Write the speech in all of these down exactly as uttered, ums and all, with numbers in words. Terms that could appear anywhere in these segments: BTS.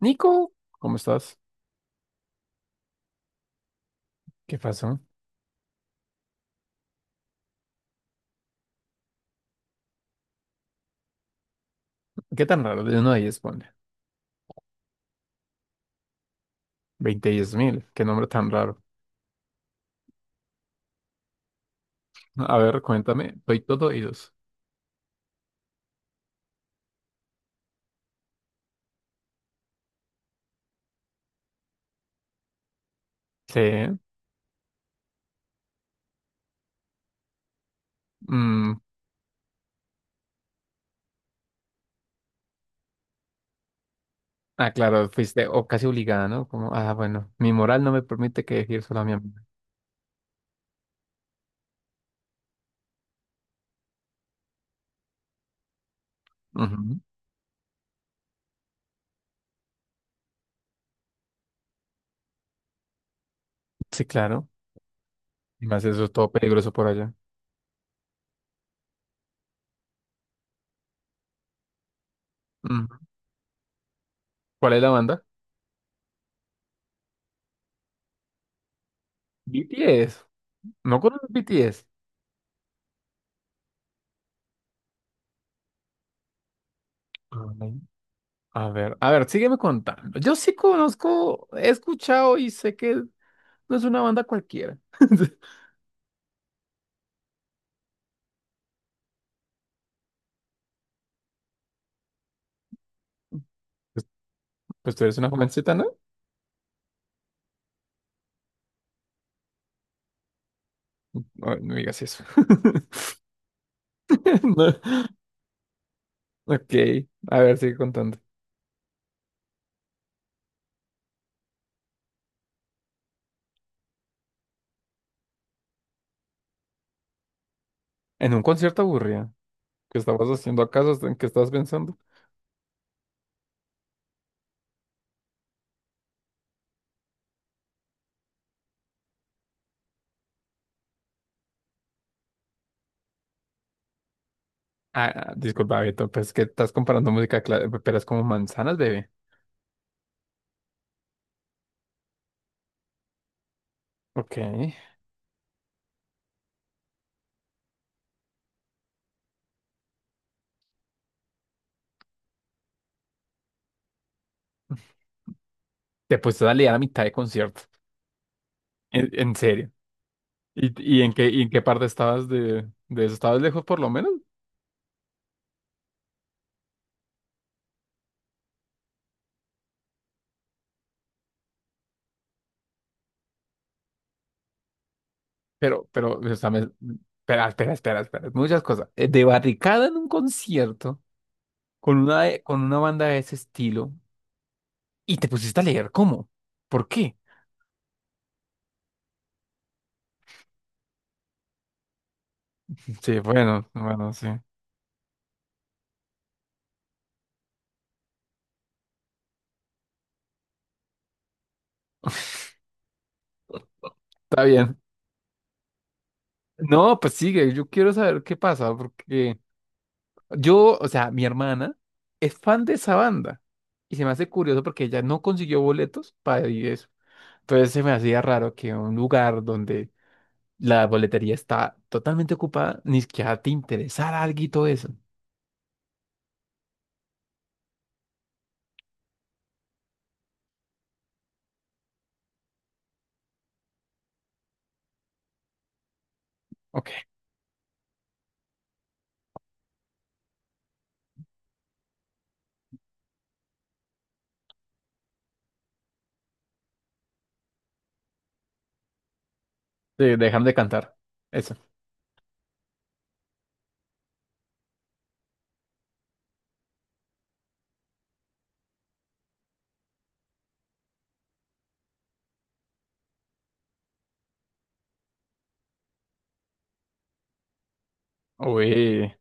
Nico, ¿cómo estás? ¿Qué pasó? ¿Qué tan raro de uno a diez, ponle? Veinte diez mil, qué nombre tan raro. A ver, cuéntame, soy todo oídos. Sí. Mm, ah, claro, fuiste o casi obligada, ¿no? Como, ah, bueno, mi moral no me permite que decir solo a mi amiga. Ujú. Sí, claro. Y más eso es todo peligroso por allá. Mm. ¿Cuál es la banda? B T S. ¿No conoces B T S? Ay, a ver, a ver, sígueme contando. Yo sí conozco, he escuchado y sé que no es una banda cualquiera. Pues tú eres una jovencita, ¿no? No, no digas eso. No. Ok, a ver, sigue contando. ¿En un concierto aburrido, qué estabas haciendo acaso? ¿En qué estabas pensando? Ah, ah, disculpa, Beto, pues que estás comparando música clásica, pero es como manzanas, bebé. Ok. Te pusiste a leer a mitad de concierto. En, en serio. ¿Y, y en qué, y en qué parte estabas de, de eso? ¿Estabas lejos por lo menos? Pero, pero, o sea, me- espera, espera, espera, espera. Muchas cosas. Eh, De barricada en un concierto con una, con una banda de ese estilo. Y te pusiste a leer, ¿cómo? ¿Por qué? Sí, bueno, bueno, sí. Está bien. No, pues sigue, yo quiero saber qué pasa, porque yo, o sea, mi hermana es fan de esa banda y se me hace curioso porque ella no consiguió boletos para ir a eso. Entonces se me hacía raro que un lugar donde la boletería está totalmente ocupada, ni siquiera te interesara algo y todo eso. Ok, sí, dejan de cantar. Eso. Uy,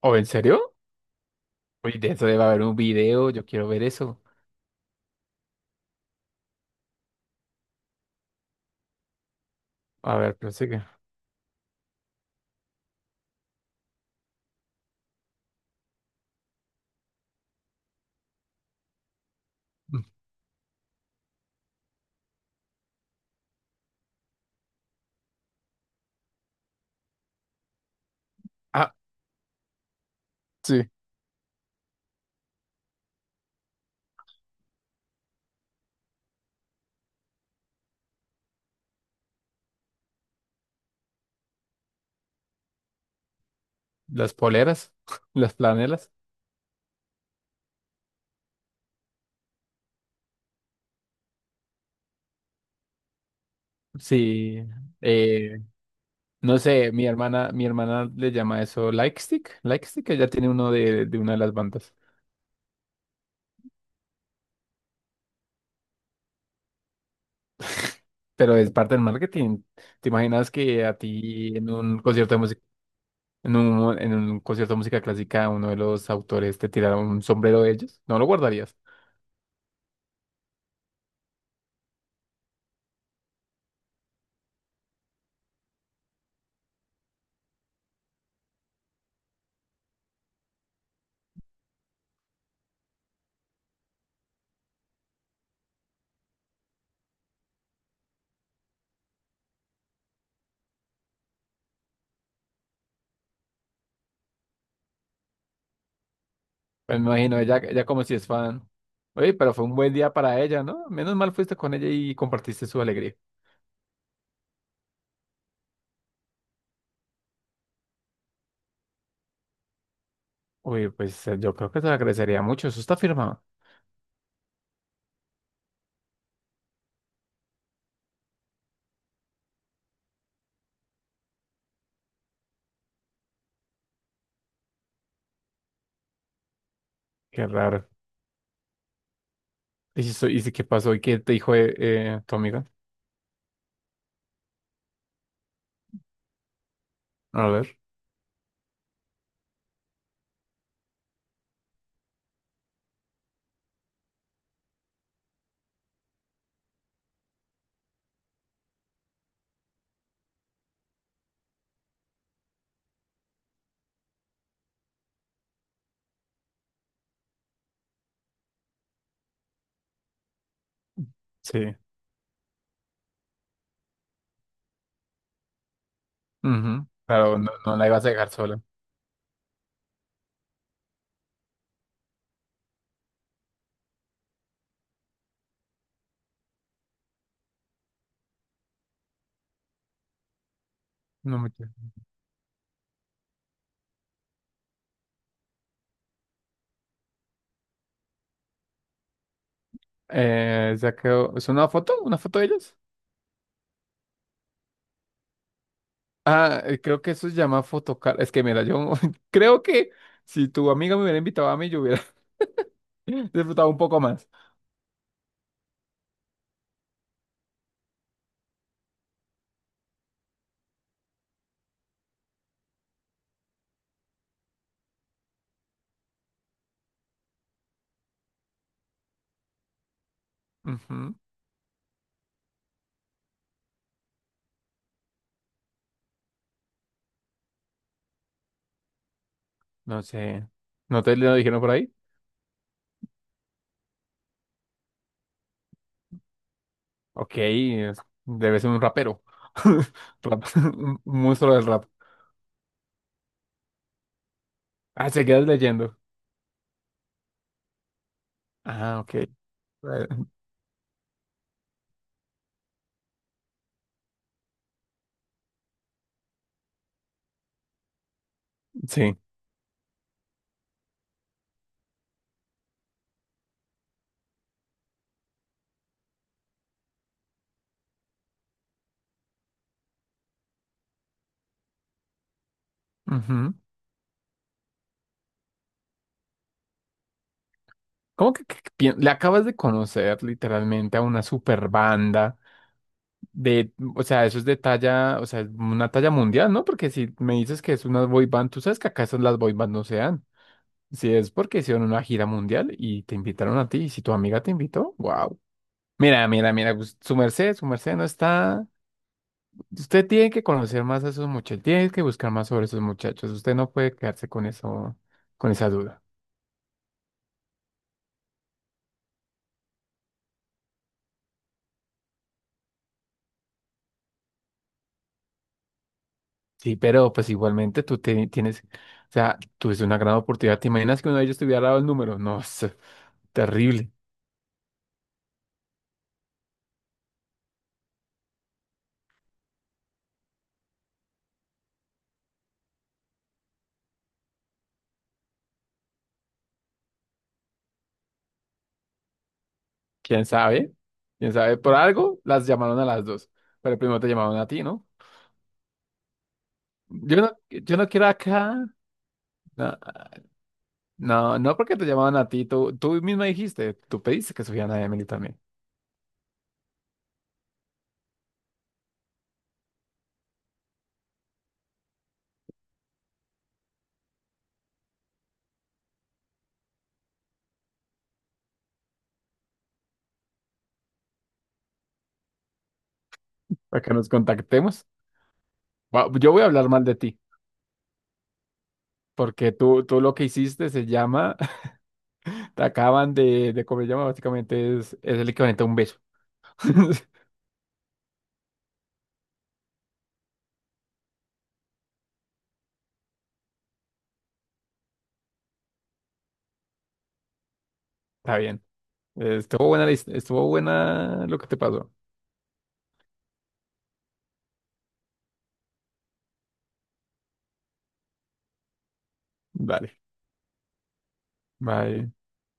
¿o en serio? Uy, de eso debe haber un video, yo quiero ver eso. A ver, pensé que... Ah, sí. Las poleras, las planelas. Sí, eh, no sé, mi hermana, mi hermana le llama eso like stick, like stick, ella tiene uno de, de una de las bandas, pero es parte del marketing. ¿Te imaginas que a ti en un concierto de música, en un, en un concierto de música clásica, uno de los autores te tirara un sombrero de ellos? ¿No lo guardarías? Pues me imagino, ella, ella como si es fan. Oye, pero fue un buen día para ella, ¿no? Menos mal fuiste con ella y compartiste su alegría. Uy, pues eh, yo creo que se agradecería mucho. Eso está firmado. Qué raro. ¿Y, si so- y si qué pasó? ¿Y qué te dijo eh, eh, tu amiga? A ver. Sí. Ujú. Claro, no, no la ibas a dejar sola. No me quiero. Eh, ya quedó. ¿Es una foto? ¿Una foto de ellos? Ah, eh, creo que eso se llama fotocar. Es que mira, yo creo que si tu amiga me hubiera invitado a mí, yo hubiera disfrutado un poco más. Ujú. No sé. ¿No te lo dijeron por ahí? Ok, es- debe ser un rapero. Rap- un monstruo del rap. Ah, se quedas leyendo. Ah, ok. Eh, sí. Ujú. ¿Cómo que, que- que pien- le acabas de conocer literalmente a una super banda de, o sea, eso es de talla, o sea, una talla mundial, ¿no? Porque si me dices que es una boy band, tú sabes que acá esas las boy band no se dan. Si es porque hicieron una gira mundial y te invitaron a ti, y si tu amiga te invitó, wow. Mira, mira, mira, pues, su merced, su merced no está. Usted tiene que conocer más a esos muchachos, tiene que buscar más sobre esos muchachos. Usted no puede quedarse con eso, con esa duda. Sí, pero pues igualmente tú te- tienes, o sea, tuviste una gran oportunidad. ¿Te imaginas que uno de ellos te hubiera dado el número? No, es terrible. ¿Quién sabe? ¿Quién sabe? Por algo las llamaron a las dos, pero primero te llamaron a ti, ¿no? Yo no, yo no quiero acá. No, no, no porque te llamaban a ti, tú, tú misma dijiste, tú pediste que subieran a Emily también, para que nos contactemos. Wa- yo voy a hablar mal de ti, porque tú, tú lo que hiciste se llama, te acaban de, de comer llama, básicamente es, es el equivalente a un beso. Está bien. Eh, Estuvo buena, la his- estuvo buena lo que te pasó. Dale. Bye.